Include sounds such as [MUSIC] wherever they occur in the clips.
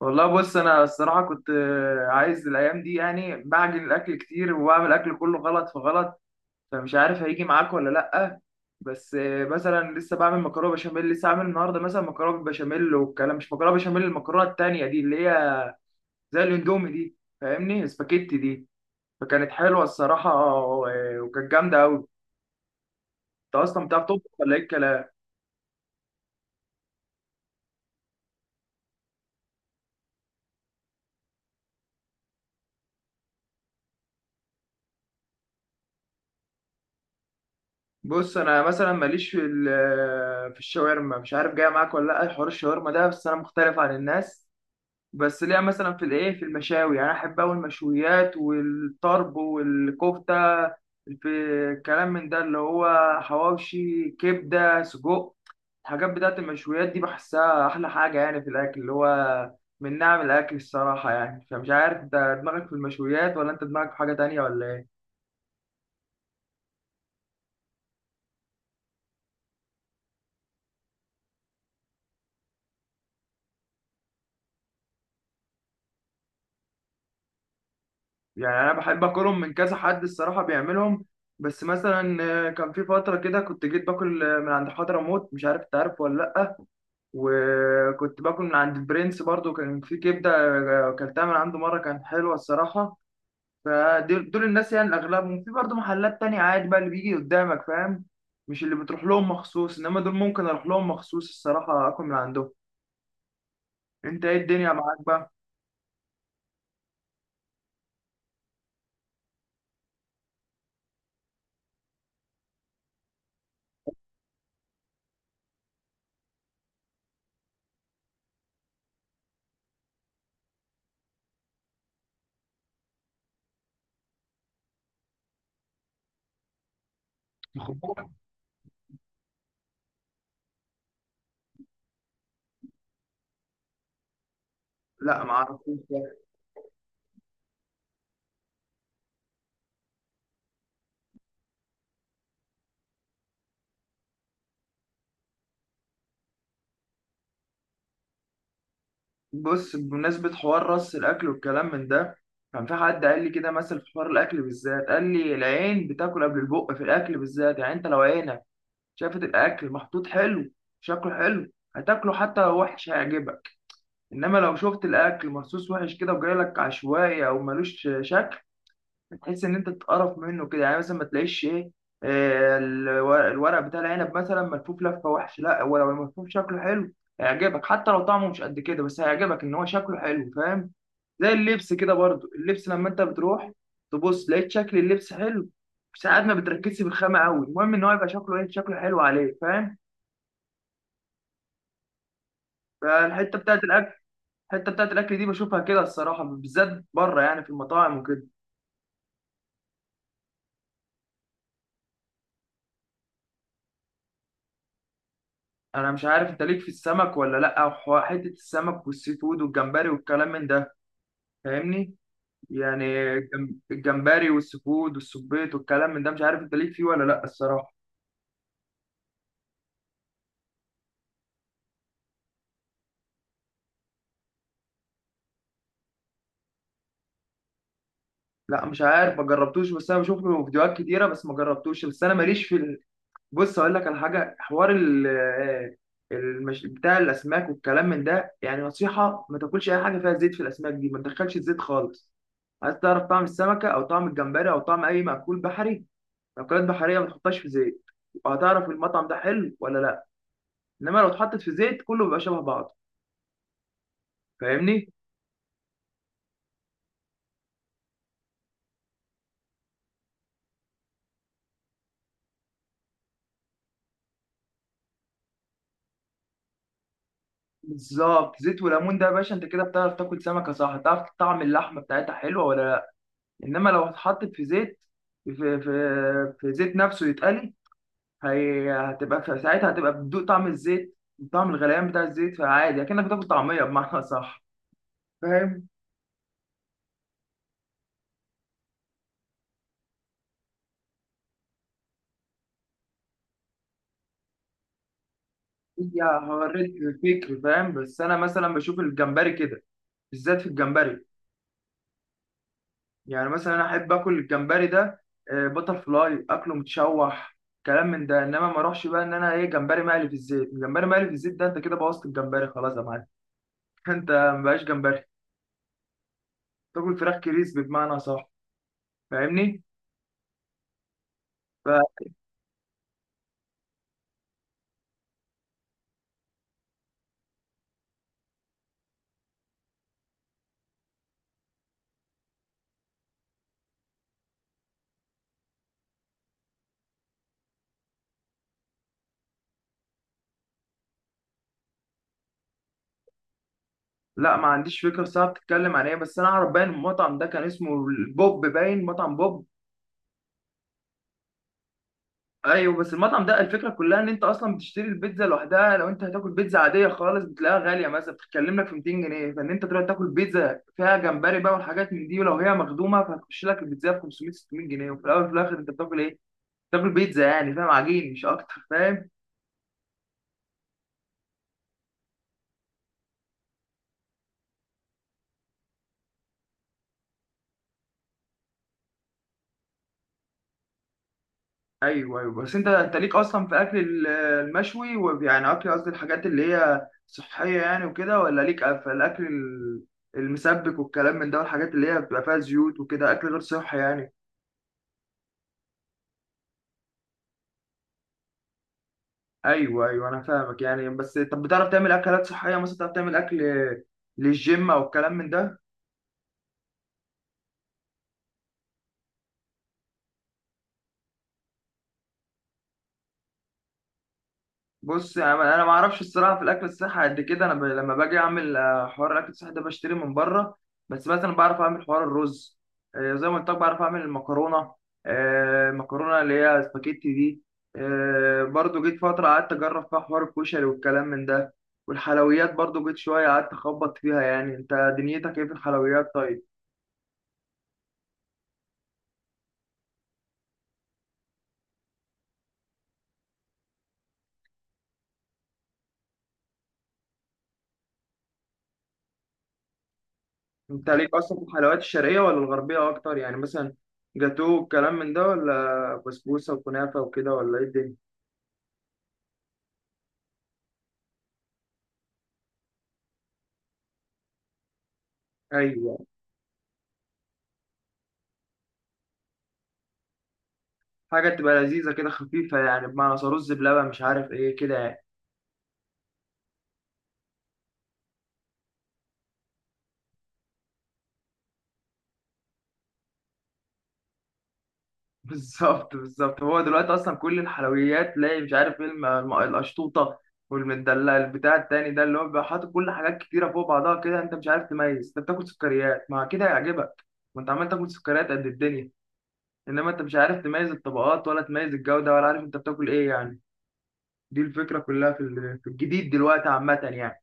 والله بص انا الصراحه كنت عايز الايام دي يعني بعجن الاكل كتير وبعمل اكل كله غلط في غلط. فمش عارف هيجي معاك ولا لا. بس مثلا لسه بعمل مكرونه بشاميل، لسه عامل النهارده مثلا مكرونه بالبشاميل والكلام، مش مكرونه بشاميل، المكرونه التانيه دي اللي هي زي الاندومي دي، فاهمني؟ سباكيتي دي. فكانت حلوه الصراحه وكانت جامده قوي. انت اصلا بتعرف تطبخ ولا ايه الكلام؟ بص انا مثلا ماليش في في الشاورما، مش عارف جايه معاك ولا لا حوار الشاورما ده، بس انا مختلف عن الناس. بس ليها مثلا في الايه، في المشاوي، يعني أنا احب اوي المشويات والطرب والكفته، في كلام من ده اللي هو حواوشي، كبده، سجق. الحاجات بتاعت المشويات دي بحسها احلى حاجه يعني في الاكل، اللي هو من نعم الاكل الصراحه يعني. فمش عارف انت دماغك في المشويات ولا انت دماغك في حاجه تانية ولا ايه؟ يعني انا بحب اكلهم من كذا حد الصراحه بيعملهم. بس مثلا كان في فتره كده كنت جيت باكل من عند حضرموت، مش عارف انت عارف ولا لا. وكنت باكل من عند برنس برضو، كان في كبدة أكلتها من عنده مرة كانت حلوة الصراحة. فدول الناس يعني، الأغلبهم في برضو محلات تانية عادي بقى اللي بيجي قدامك، فاهم؟ مش اللي بتروح لهم مخصوص، إنما دول ممكن أروح لهم مخصوص الصراحة، أكل من عندهم. أنت إيه الدنيا معاك بقى؟ مخبوط. لا معرفوش ده. بص، بمناسبة حوار رص الأكل والكلام من ده، كان في حد قال لي كده مثل في حوار الأكل بالذات، قال لي العين بتاكل قبل البق في الأكل بالذات. يعني أنت لو عينك شافت الاكل محطوط حلو، شكله حلو، هتاكله حتى لو وحش، هيعجبك. انما لو شفت الاكل مرصوص وحش كده وجايلك عشوائي او ملوش شكل، هتحس ان انت تتقرف منه كده. يعني مثلا ما تلاقيش ايه، الورق بتاع العنب مثلا ملفوف لفه وحش، لا. هو لو الملفوف شكله حلو هيعجبك حتى لو طعمه مش قد كده، بس هيعجبك ان هو شكله حلو، فاهم؟ زي اللبس كده برضو، اللبس لما انت بتروح تبص لقيت شكل اللبس حلو، ساعات ما بتركزش في الخامة قوي، المهم ان هو يبقى شكله ايه، شكله حلو عليه، فاهم؟ فالحته بتاعت الاكل، الحته بتاعت الاكل دي بشوفها كده الصراحه بالذات بره، يعني في المطاعم وكده. انا مش عارف انت ليك في السمك ولا لا، أو حته السمك والسي فود والجمبري والكلام من ده، فاهمني؟ يعني الجمبري والسي فود والسبيط والكلام من ده، مش عارف انت ليك فيه ولا لا الصراحه. لا مش عارف، ما جربتوش، بس انا بشوف له فيديوهات كتيره، بس ما جربتوش، بس انا ماليش في. بص اقول لك على حاجه، حوار ال آه، بتاع الاسماك والكلام من ده، يعني نصيحه ما تاكلش اي حاجه فيها زيت في الاسماك دي، ما تدخلش الزيت خالص. عايز تعرف طعم السمكه او طعم الجمبري او طعم اي مأكول بحري، مأكولات بحريه، ما تحطهاش في زيت، وهتعرف المطعم ده حلو ولا لا. انما لو اتحطت في زيت، كله بيبقى شبه بعضه، فاهمني؟ بالظبط، زيت وليمون ده يا باشا، انت كده بتعرف تاكل سمكه صح، تعرف طعم اللحمه بتاعتها حلوه ولا لا. انما لو اتحطت في زيت، في، في زيت نفسه يتقلي، هي هتبقى في ساعتها هتبقى بتدوق طعم الزيت، طعم الغليان بتاع الزيت، فعادي اكنك بتاكل طعميه بمعنى صح، فاهم؟ هي هوريك الفكر، فاهم؟ بس انا مثلا بشوف الجمبري كده، بالذات في الجمبري، يعني مثلا انا احب اكل الجمبري ده بتر فلاي، اكله متشوح، كلام من ده. انما ما اروحش بقى ان انا ايه، جمبري مقلي في الزيت؟ الجمبري مقلي في الزيت ده انت كده بوظت الجمبري خلاص يا معلم. [LAUGHS] انت مبقاش جمبري، تاكل فراخ كريسبي بمعنى صح، فاهمني؟ لا ما عنديش فكره الساعه بتتكلم عن ايه، بس انا اعرف باين المطعم ده كان اسمه بوب، باين مطعم بوب. ايوه، بس المطعم ده الفكره كلها ان انت اصلا بتشتري البيتزا لوحدها. لو انت هتاكل بيتزا عاديه خالص بتلاقيها غاليه، مثلا بتتكلم لك في 200 جنيه، فان انت تروح تاكل بيتزا فيها جمبري بقى والحاجات من دي ولو هي مخدومه، فهتخش لك البيتزا ب 500 600 جنيه، وفي الاول وفي الاخر انت بتاكل ايه؟ بتاكل بيتزا يعني، فاهم؟ عجين مش اكتر، فاهم؟ ايوه ايوه، بس انت ليك اصلا في اكل المشوي ويعني اكل، قصدي الحاجات اللي هي صحيه يعني وكده، ولا ليك في الاكل المسبك والكلام من ده والحاجات اللي هي بتبقى فيها زيوت وكده، اكل غير صحي يعني. ايوه ايوه انا فاهمك يعني، بس طب بتعرف تعمل اكلات صحيه؟ مثلا بتعرف تعمل اكل للجيم او الكلام من ده؟ بص يا عم، انا ما اعرفش الصراحه في الاكل الصحي قد كده. انا لما باجي اعمل حوار الاكل الصحي ده بشتري من بره. بس مثلا بعرف اعمل حوار الرز، زي ما قلت لك بعرف اعمل المكرونه، المكرونه اللي هي سباكيتي دي. برضو جيت فتره قعدت اجرب فيها حوار الكشري والكلام من ده، والحلويات برضو جيت شويه قعدت اخبط فيها. يعني انت دنيتك ايه في الحلويات طيب؟ انت ليك اصلا في الحلويات الشرقيه ولا الغربيه اكتر؟ يعني مثلا جاتوه والكلام من ده، ولا بسبوسه وكنافه وكده، ولا ايه الدنيا؟ ايوه، حاجة تبقى لذيذة كده خفيفة، يعني بمعنى رز بلبن، مش عارف ايه كده يعني. [LAUGHS] بالظبط بالظبط. هو دلوقتي اصلا كل الحلويات تلاقي مش عارف ايه، القشطوطة والمدلع البتاع التاني ده، اللي هو بيبقى حاطط كل حاجات كتيرة فوق بعضها كده، انت مش عارف تميز، انت بتاكل سكريات، مع كده هيعجبك وانت عمال تاكل سكريات قد الدنيا. انما انت مش عارف تميز الطبقات ولا تميز الجودة ولا عارف انت بتاكل ايه يعني. دي الفكرة كلها في في الجديد دلوقتي عامة يعني.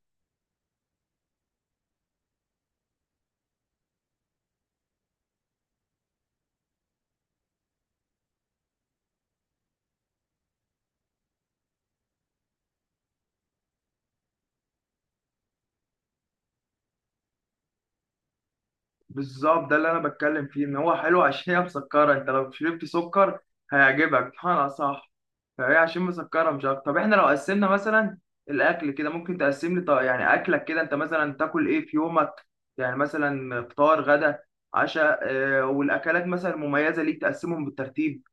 بالظبط، ده اللي انا بتكلم فيه، ان هو حلو عشان هي مسكره. انت لو شربت سكر هيعجبك بمعنى صح، فهي عشان مسكره مش اكتر. طب احنا لو قسمنا مثلا الاكل كده، ممكن تقسم لي طيب يعني اكلك كده، انت مثلا تاكل ايه في يومك؟ يعني مثلا فطار، غدا، عشاء، والاكلات مثلا المميزه ليك، تقسمهم بالترتيب،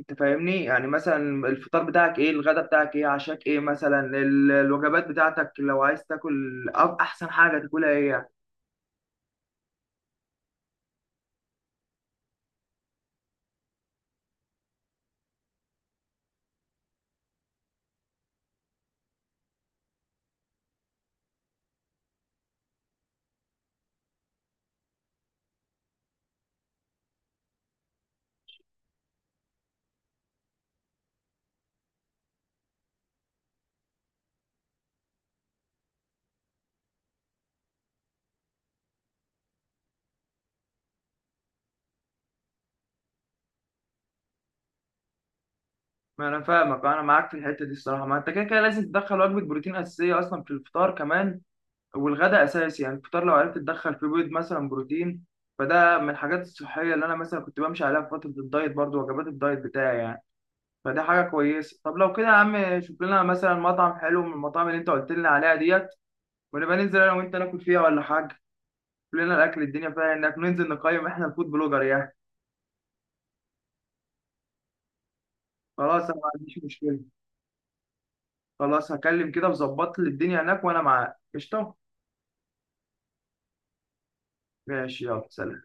انت فاهمني؟ يعني مثلا الفطار بتاعك ايه، الغدا بتاعك ايه، عشاك ايه، مثلا الوجبات بتاعتك لو عايز تاكل، أو احسن حاجه تاكلها ايه يعني. ما انا فاهمك، انا معاك في الحته دي الصراحه. ما انت كده كده لازم تدخل وجبه بروتين اساسيه اصلا في الفطار كمان، والغداء اساسي. يعني الفطار لو عرفت تدخل فيه بيض مثلا، بروتين، فده من الحاجات الصحيه اللي انا مثلا كنت بمشي عليها في فتره الدايت، برضو وجبات الدايت بتاعي يعني، فدي حاجه كويسه. طب لو كده يا عم، شوف لنا مثلا مطعم حلو من المطاعم اللي انت قلت لنا عليها ديت، ونبقى ننزل انا وانت ناكل فيها ولا حاجه. شوف لنا الاكل الدنيا فيها إيه، انك ننزل نقيم احنا الفود بلوجر يعني. خلاص انا ما عنديش مشكله، خلاص هكلم كده وظبط لي الدنيا هناك وانا معاك قشطه. ماشي، يلا سلام.